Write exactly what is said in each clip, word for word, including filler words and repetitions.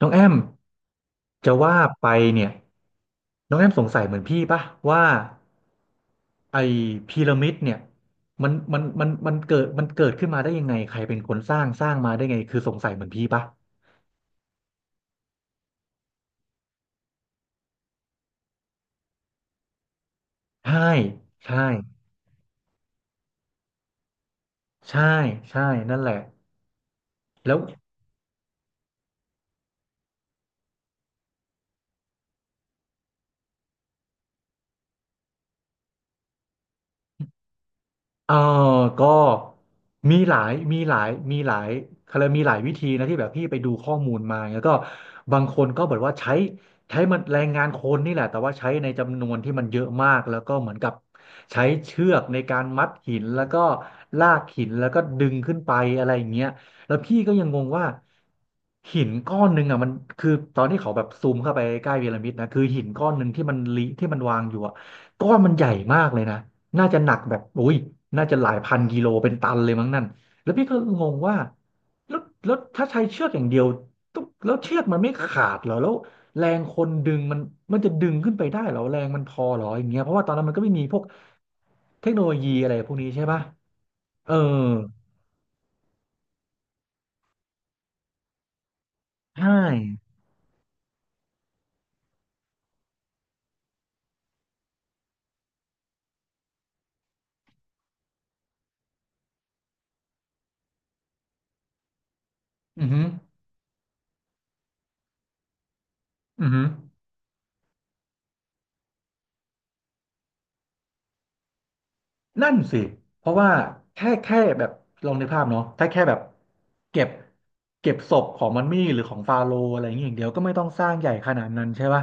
น้องแอมจะว่าไปเนี่ยน้องแอมสงสัยเหมือนพี่ปะว่าไอ้พีระมิดเนี่ยมันมันมันมันเกิดมันเกิดขึ้นมาได้ยังไงใครเป็นคนสร้างสร้างมาได้ไงคือสงสัยเหมือนพี่ปะใช่ใช่ใช่ใช่นั่นแหละแล้ว เออก็มีหลายมีหลายมีหลายเขาเรยกมีหลายวิธีนะที่แบบพี่ไปดูข้อมูลมาแล้วก็บางคนก็แบอกว่าใช้ใช้มันแรงงานคนนี่แหละแต่ว่าใช้ในจำนวนที่มันเยอะมากแล้วก็เหมือนกับใช้เชือกในการมัดหินแล้วก็ลากหินแล้วก็ดึงขึ้นไปอะไรอย่างเงี้ยแล้วพี่ก็ยังงงว่าหินก้อนหนึ่งอ่ะมันคือตอนที่เขาแบบซูมเข้าไปใกล้พีระมิดนะคือหินก้อนหนึ่งที่มันลิที่มันวางอยู่อ่ะก้อนมันใหญ่มากเลยนะ น่าจะหนักแบบอุ้ยน่าจะหลายพันกิโลเป็นตันเลยมั้งนั่นแล้วพี่ก็งงว่าแล้วแล้วถ้าใช้เชือกอย่างเดียวตุ๊บแล้วเชือกมันไม่ขาดเหรอแล้วแรงคนดึงมันมันจะดึงขึ้นไปได้เหรอแรงมันพอเหรออย่างเงี้ยเพราะว่าตอนนั้นมันก็ไม่มีพวกเทคโนโลยีอะไรพวกนี้ใช่ปะเออใช่อือฮึอือฮึนั่นสิเพราะว่าแค่แค่แบบลองในกภาพเนาะถ้าแค่แบบเก็บเก็บศพของมันมี่หรือของฟาโรห์อะไรอย่างเงี้ยอย่างเดียวก็ไม่ต้องสร้างใหญ่ขนาดนั้นใช่ปะ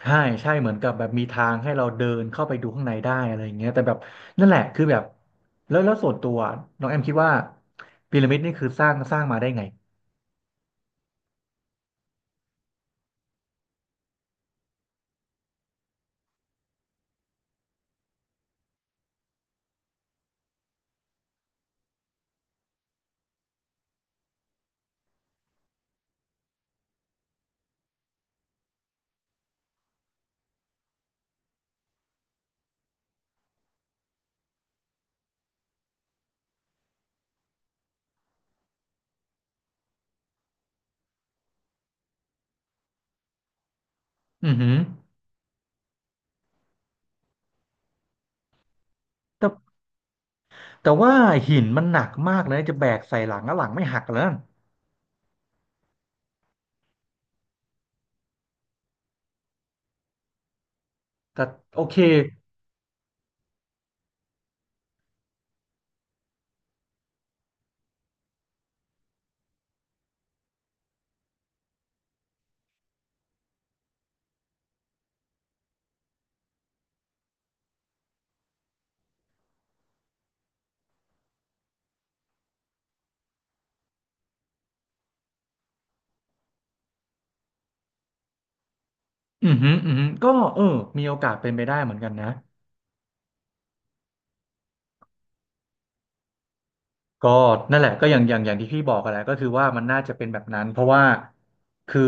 ใช่ใช่เหมือนกับแบบมีทางให้เราเดินเข้าไปดูข้างในได้อะไรอย่างเงี้ยแต่แบบนั่นแหละคือแบบแล้วแล้วส่วนตัวน้องแอมคิดว่าพีระมิดนี่คือสร้างสร้างมาได้ไงอือหือแต่แต่ว่าหินมันหนักมากเลยนะจะแบกใส่หลังแล้วหลังไม่หักแลยแต่โอเคอือหืออือหือก็เออมีโอกาสเป็นไปได้เหมือนกันนะ ก็นั่นแหละก็อย่างอย่างอย่างที่พี่บอกกันแหละก็คือว่ามันน่าจะเป็นแบบนั้นเพราะว่าคือ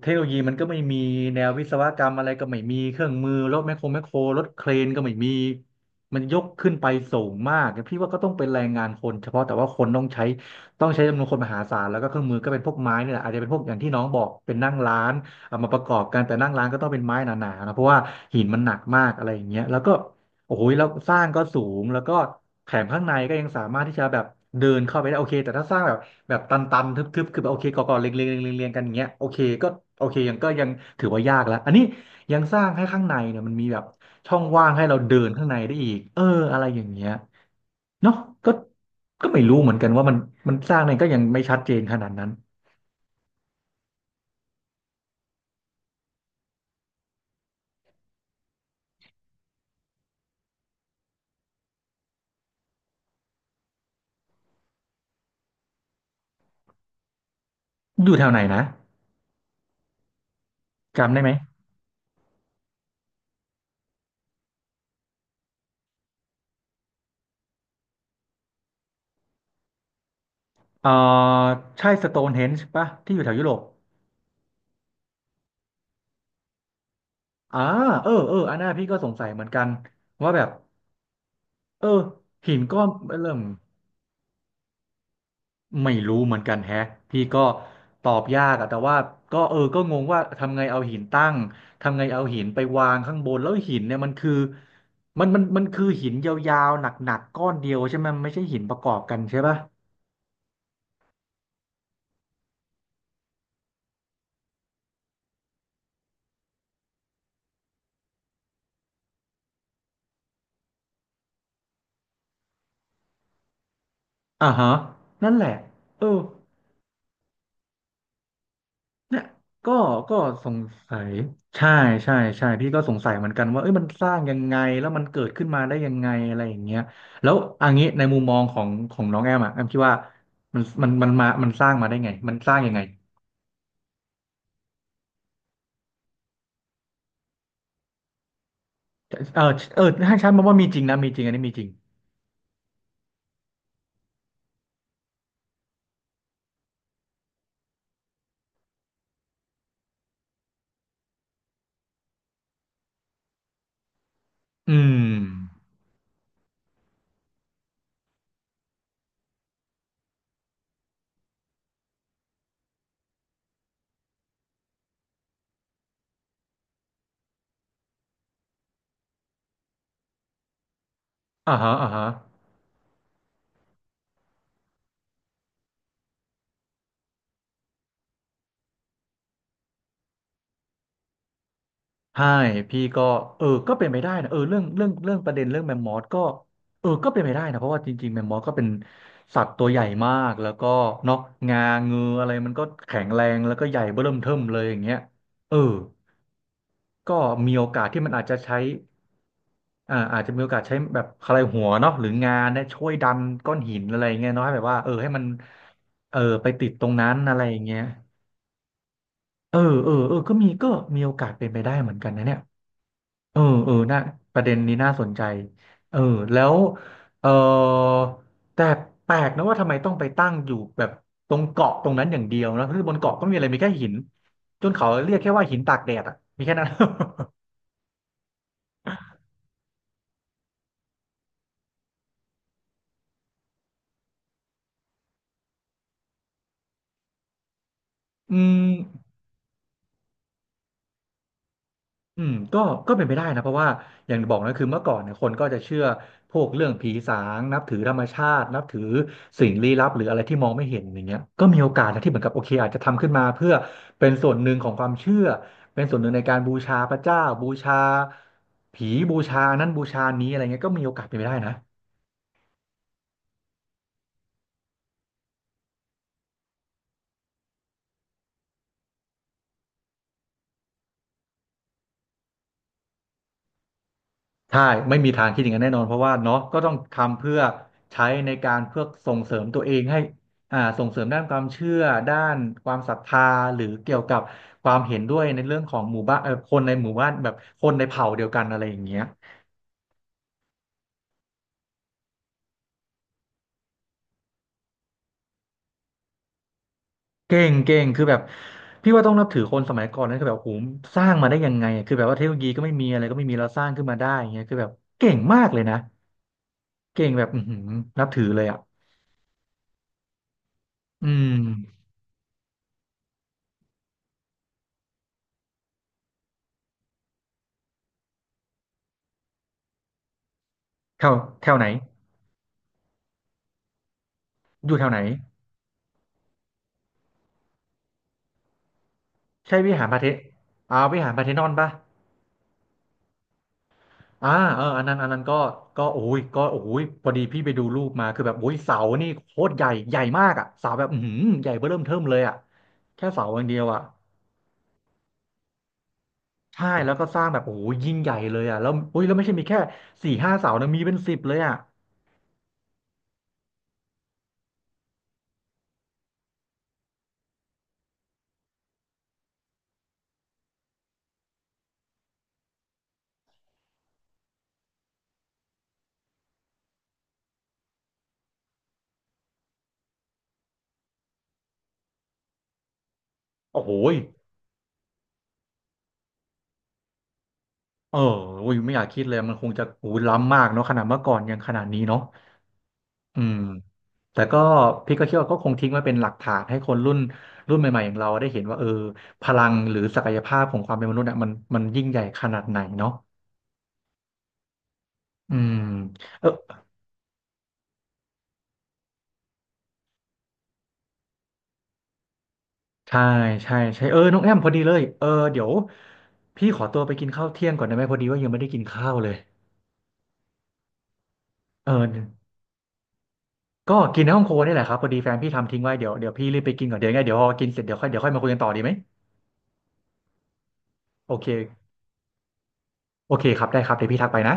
เทคโนโลยีมันก็ไม่มีแนววิศวกรรมอะไรก็ไม่มีเครื่องมือรถแมคโครแมคโครรถเครนก็ไม่มีมันยกขึ้นไปสูงมากพี่ว่าก็ต้องเป็นแรงงานคนเฉพาะแต่ว่าคนต้องใช้ต้องใช้จำนวนคนมหาศาลแล้วก็เครื่องมือก็เป็นพวกไม้นี่แหละอาจจะเป็นพวกอย่างที่น้องบอกเป็นนั่งร้านเอามาประกอบกันแต่นั่งร้านก็ต้องเป็นไม้หนาๆนะเพราะว่าหินมันหนักมากอะไรอย่างเงี้ยแล้วก็ โอ้ยแล้วสร้างก็สูงแล้วก็แถมข้างในก็ยังสามารถที่จะแบบเดินเข้าไปได้โอเคแต่ถ้าสร้างแบบแบบตันๆทึบๆคือแบบโอเคก่อๆเรียงๆเรียงๆเรียงๆกันอย่างเงี้ยโอเคก็โอเคยังก็ยังถือว่ายากแล้วอันนี้ยังสร้างให้ข้างในเนี่ยมันมีแบบช่องว่างให้เราเดินข้างในได้อีกเอออะไรอย่างเงี้ยเนาะก็ก็ไม่รู้เหมือนกันว่ามันมันสร้างเนี่ยก็ยังไม่ชัดเจนขนาดนั้นอยู่แถวไหนนะจำได้ไหมเออใช่สโตนเฮนจ์ปะที่อยู่แถวยุโรป อ่าเออเอออันนั้นพี่ก็สงสัยเหมือนกันว่าแบบเออหินก้อนเริ่มไม่รู้เหมือนกันแฮะพี่ก็ตอบยากอะแต่ว่าก็เออก็งงว่าทำไงเอาหินตั้งทำไงเอาหินไปวางข้างบนแล้วหินเนี่ยมันคือมันมันมันคือหินยาวๆหนักๆก้อนเดียวใช่ไหมมันไม่ใช่หินประกอบกันใช่ปะอ่าฮะนั่นแหละเออ เนี่ยก็ก็สงสัยใช่ใช่ใช่พี่ก็สงสัยเหมือนกันว่าเอ้ยมันสร้างยังไงแล้วมันเกิดขึ้นมาได้ยังไงอะไรอย่างเงี้ยแล้วอันนี้ในมุมมองของของน้องแอมอะแอมคิดว่ามันมันมันมามันสร้างมาได้ไงมันสร้างยังไงเออเออให้ฉันบอกว่ามีจริงนะมีจริงอันนี้มีจริงอืมอ่าฮะอ่าฮะ ใช่พี่ก็เออก็เป็นไปได้นะเออเรื่องเรื่องเรื่องประเด็นเรื่องแมมมอสก็เออก็เป็นไปได้นะเพราะว่าจริงๆแมมมอสก็เป็นสัตว์ตัวใหญ่มากแล้วก็เนาะงาเงืออะไรมันก็แข็งแรงแล้วก็ใหญ่เบ้อเริ่มเทิ่มเลยอย่างเงี้ยเออก็มีโอกาสที่มันอาจจะใช้อ่าอาจจะมีโอกาสใช้แบบอะไรหัวเนาะหรืองาเนี่ยช่วยดันก้อนหินอะไรอย่างเงี้ยเนาะให้แบบว่าเออให้มันเออไปติดตรงนั้นอะไรอย่างเงี้ยเออเออเออก็มีก็มีโอกาสเป็นไปได้เหมือนกันนะเนี่ย เออเออน่าประเด็นนี้น่าสนใจเออแล้วเออแต่แปลกนะว่าทำไมต้องไปตั้งอยู่แบบตรงเกาะตรงนั้นอย่างเดียวนะคือบนเกาะก็ไม่มีอะไรมีแค่หินจนเขาเรียกแค่ว่าหินตากแดดอ่ะมีแค่นั้น อืม อืมก็ก็เป็นไปได้นะเพราะว่าอย่างบอกนะคือเมื่อก่อนเนี่ยคนก็จะเชื่อพวกเรื่องผีสางนับถือธรรมชาตินับถือสิ่งลี้ลับหรืออะไรที่มองไม่เห็นอย่างเงี้ยก็มีโอกาสนะที่เหมือนกับโอเคอาจจะทำขึ้นมาเพื่อเป็นส่วนหนึ่งของความเชื่อเป็นส่วนหนึ่งในการบูชาพระเจ้าบูชาผีบูชานั้นบูชานี้อะไรเงี้ยก็มีโอกาสเป็นไปได้นะ ใช่ไม่มีทางคิดอย่างนั้นแน่นอนเพราะว่าเนาะก็ต้องทำเพื่อใช้ในการเพื่อส่งเสริมตัวเองให้อ่าส่งเสริมด้านความเชื่อด้านความศรัทธาหรือเกี่ยวกับความเห็นด้วยในเรื่องของหมู่บ้านเอ่อคนในหมู่บ้านแบบคนในเผ่าเดียวกันอะไรอย่างเงี้ยเก่งเก่งคือแบบพี่ว่าต้องนับถือคนสมัยก่อนนะคือแบบโอ้โหสร้างมาได้ยังไงอะคือแบบว่าเทคโนโลยีก็ไม่มีอะไรก็ไม่มีเราสร้างขึ้นมาได้อย่างเงี้ยคือแบบเก่งมากเลยนะเก่งแบบอือหือนับถือเลยอ่ะอืมแถวแถวไหนอยู่แถวไหน ใช่วิหารพระเทอ่าวิหารพาร์เธนอนป่ะอ่าเอออันนั้นอันนั้นก็ก็โอ้ยก็โอ้ยพอดีพี่ไปดูรูปมาคือแบบโอ้ยเสานี่โคตรใหญ่ ใหญ่มากอ่ะเสาแบบอือหือใหญ่เบ้อเริ่มเทิ่มเลยอ่ะแค่เสาอย่างเดียวอ่ะใช่แล้วก็สร้างแบบโอ้ยยิ่งใหญ่เลยอ่ะแล้วโอ้ยแล้วไม่ใช่มีแค่สี่ห้าเสานะมีเป็นสิบเลยอ่ะโอ้โหยเออโอ้ยไม่อยากคิดเลย มันคงจะโอ้ยล้ำมากเนาะขนาดเมื่อก่อนยังขนาดนี้เนาะ อืมแต่ก็พี่ก็คิดว่าก็คงทิ้งไว้เป็นหลักฐานให้คนรุ่นรุ่นใหม่ๆอย่างเราได้เห็นว่าเออพลังหรือศักยภาพของความเป็นมนุษย์อ่ะมันมันยิ่งใหญ่ขนาดไหนเนาะอืมเออใช่ใช่ใช่เออน้องแอมพอดีเลยเออเดี๋ยวพี่ขอตัวไปกินข้าวเที่ยงก่อนได้ไหมพอดีว่ายังไม่ได้กินข้าวเลยเออก็กินในห้องครัวนี่แหละครับพอดีแฟนพี่ทำทิ้งไว้เดี๋ยวเดี๋ยวพี่รีบไปกินก่อนเดี๋ยวยังไงเดี๋ยวพอกินเสร็จเดี๋ยวค่อยเดี๋ยวค่อยมาคุยกันต่อดีไหมโอเคโอเคครับได้ครับเดี๋ยวพี่ทักไปนะ